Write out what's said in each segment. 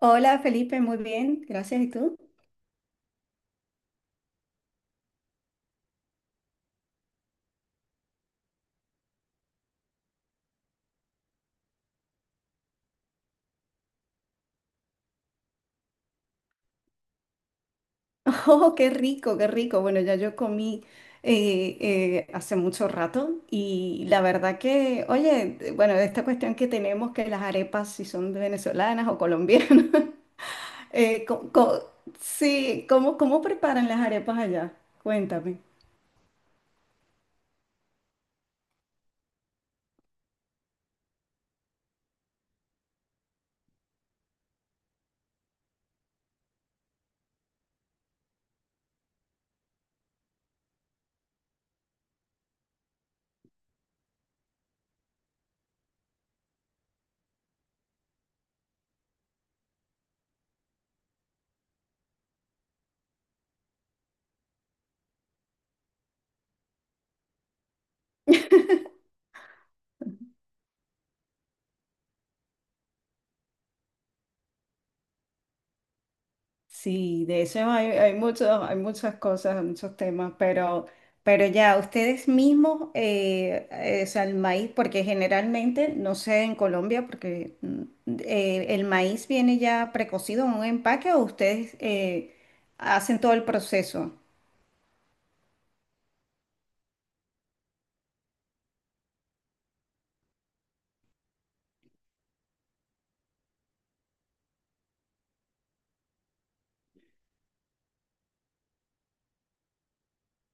Hola Felipe, muy bien, gracias. ¿Y tú? Oh, qué rico, qué rico. Bueno, ya yo comí hace mucho rato y la verdad que, oye, bueno, esta cuestión que tenemos que las arepas, si son venezolanas o colombianas, eh, co- co- sí, ¿cómo preparan las arepas allá? Cuéntame. Sí, de eso hay, hay muchas cosas, muchos temas, pero ya ustedes mismos, o sea, el maíz, porque generalmente, no sé en Colombia, porque el maíz viene ya precocido en un empaque o ustedes hacen todo el proceso.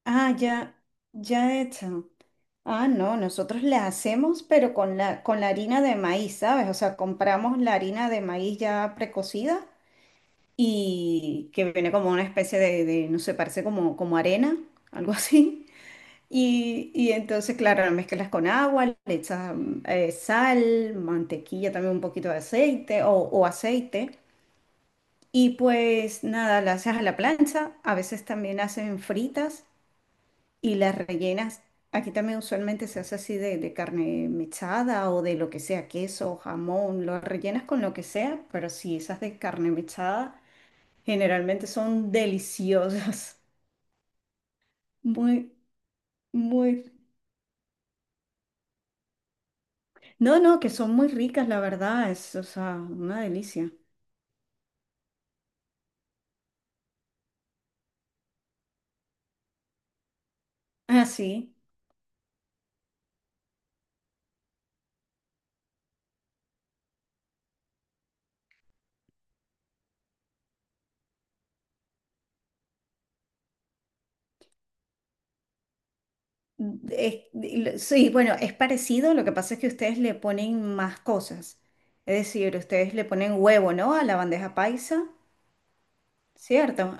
Ah, ya, ya hecho. Ah, no, nosotros la hacemos, pero con la harina de maíz, ¿sabes? O sea, compramos la harina de maíz ya precocida y que viene como una especie no sé, parece como, como arena, algo así. Y entonces, claro, la mezclas con agua, le echas sal, mantequilla, también un poquito de aceite o aceite. Y pues nada, la haces a la plancha, a veces también hacen fritas y las rellenas. Aquí también usualmente se hace así de carne mechada o de lo que sea, queso, jamón, lo rellenas con lo que sea, pero si esas de carne mechada. Generalmente son deliciosas, muy, muy... No, no, que son muy ricas, la verdad, es, o sea, una delicia. Ah, sí. Sí, bueno, es parecido, lo que pasa es que ustedes le ponen más cosas. Es decir, ustedes le ponen huevo, ¿no? A la bandeja paisa, ¿cierto?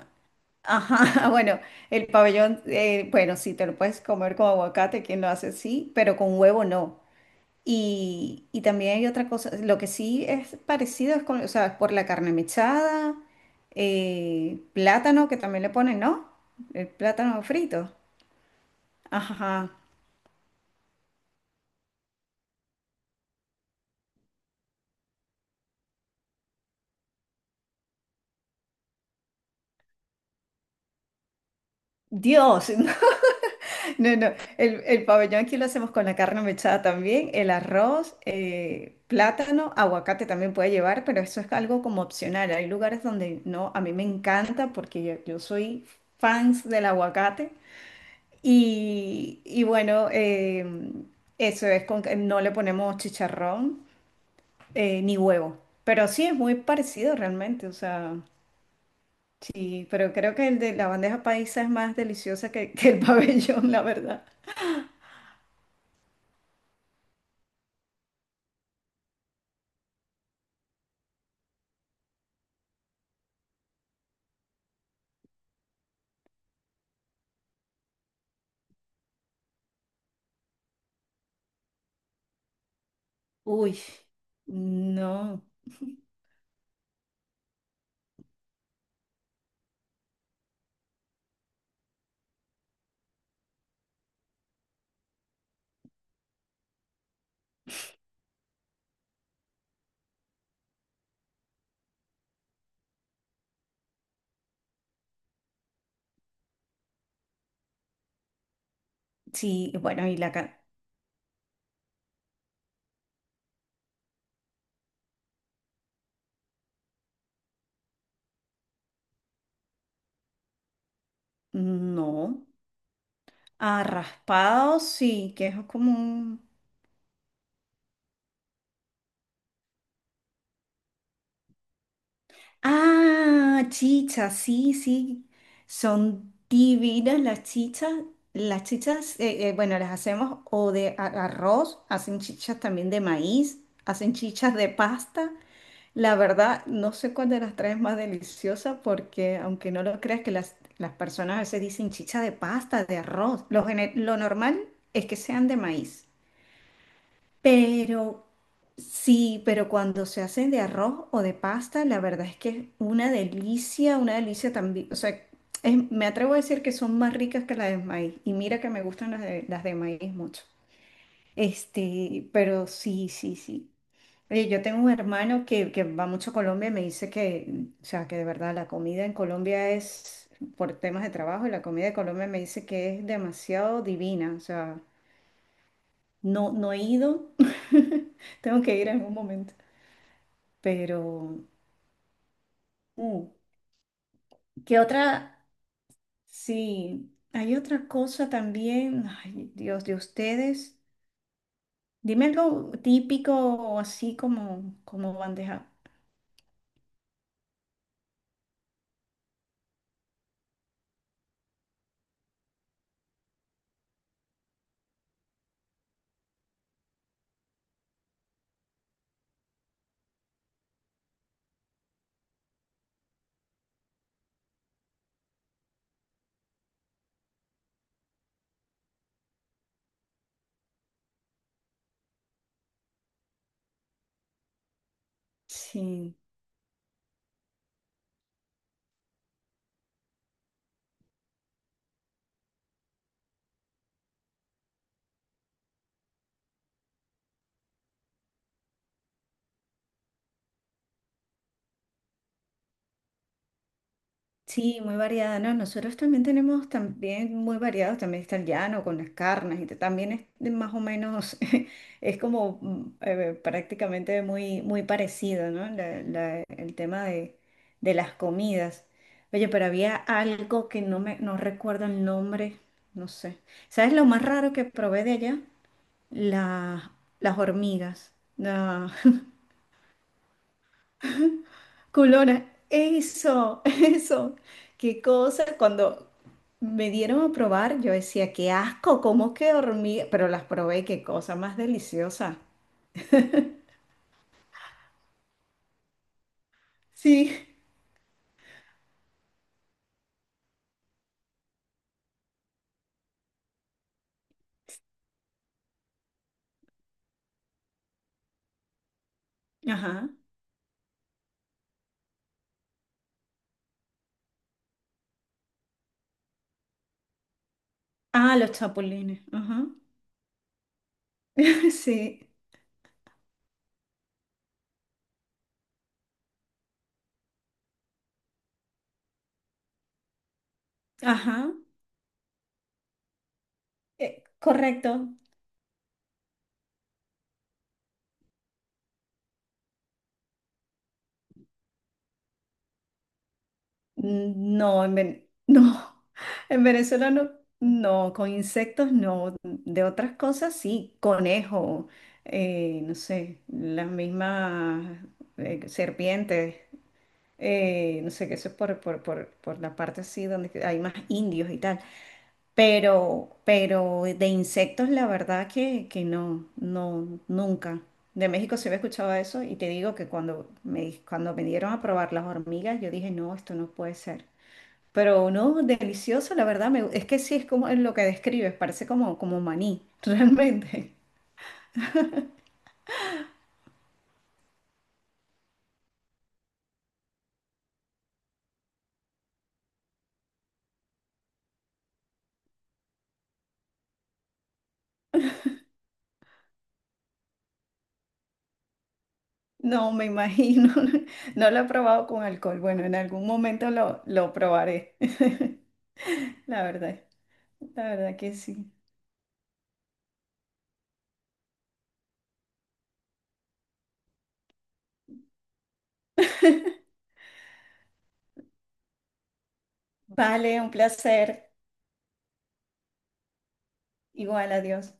Ajá, bueno, el pabellón, bueno, sí, te lo puedes comer con aguacate, quien lo hace, sí, pero con huevo no. Y también hay otra cosa, lo que sí es parecido es con, o sea, por la carne mechada, plátano que también le ponen, ¿no? El plátano frito. Ajá. Dios, no, no, el pabellón aquí lo hacemos con la carne mechada también, el arroz, plátano, aguacate también puede llevar, pero eso es algo como opcional. Hay lugares donde no, a mí me encanta porque yo soy fans del aguacate. Y bueno, eso es con que no le ponemos chicharrón ni huevo. Pero sí es muy parecido realmente, o sea, sí, pero creo que el de la bandeja paisa es más deliciosa que el pabellón, la verdad. Uy, no, sí, bueno, no. Ah, raspado sí, que es como un... Ah, chichas, sí, sí. Son divinas las chichas. Las chichas, bueno, las hacemos arroz, hacen chichas también de maíz, hacen chichas de pasta. La verdad, no sé cuál de las tres es más deliciosa porque, aunque no lo creas, que las personas a veces dicen chicha de pasta, de arroz. Lo normal es que sean de maíz. Pero sí, pero cuando se hacen de arroz o de pasta, la verdad es que es una delicia también. O sea, me atrevo a decir que son más ricas que las de maíz. Y mira que me gustan las de maíz mucho. Este, pero sí, sí, sí. Oye, yo tengo un hermano que va mucho a Colombia y me dice que, o sea, que de verdad la comida en Colombia es, por temas de trabajo, y la comida de Colombia me dice que es demasiado divina. O sea, no, no he ido. Tengo que ir en algún momento. Pero, mm, ¿qué otra? Sí, hay otra cosa también. Ay, Dios, de ustedes. Dime algo típico o así como, como bandeja. Sí. Sí, muy variada, ¿no? Nosotros también tenemos también muy variados, también está el llano con las carnes también es de más o menos, es como prácticamente muy, muy parecido, ¿no? El tema de las comidas. Oye, pero había algo que no recuerdo el nombre, no sé. ¿Sabes lo más raro que probé de allá? La- las hormigas. Culona, eso, eso. Qué cosa. Cuando me dieron a probar, yo decía, qué asco, cómo que hormiga. Pero las probé, qué cosa más deliciosa. Sí. Ajá. Ah, los chapulines. Ajá. Sí. Ajá. Correcto. Mm, no, no, en Venezuela no, no, con insectos no, de otras cosas sí, conejo, no sé, las mismas serpientes, no sé, que eso es por la parte así donde que hay más indios y tal, pero de insectos la verdad que no, no, nunca. De México se había escuchado eso y te digo que cuando me dieron a probar las hormigas, yo dije, no, esto no puede ser. Pero no, delicioso, la verdad. Es que sí, es como en lo que describes, parece como, como maní, realmente. No, me imagino. No lo he probado con alcohol. Bueno, en algún momento lo probaré. La verdad, la verdad que sí. Vale, un placer. Igual, adiós.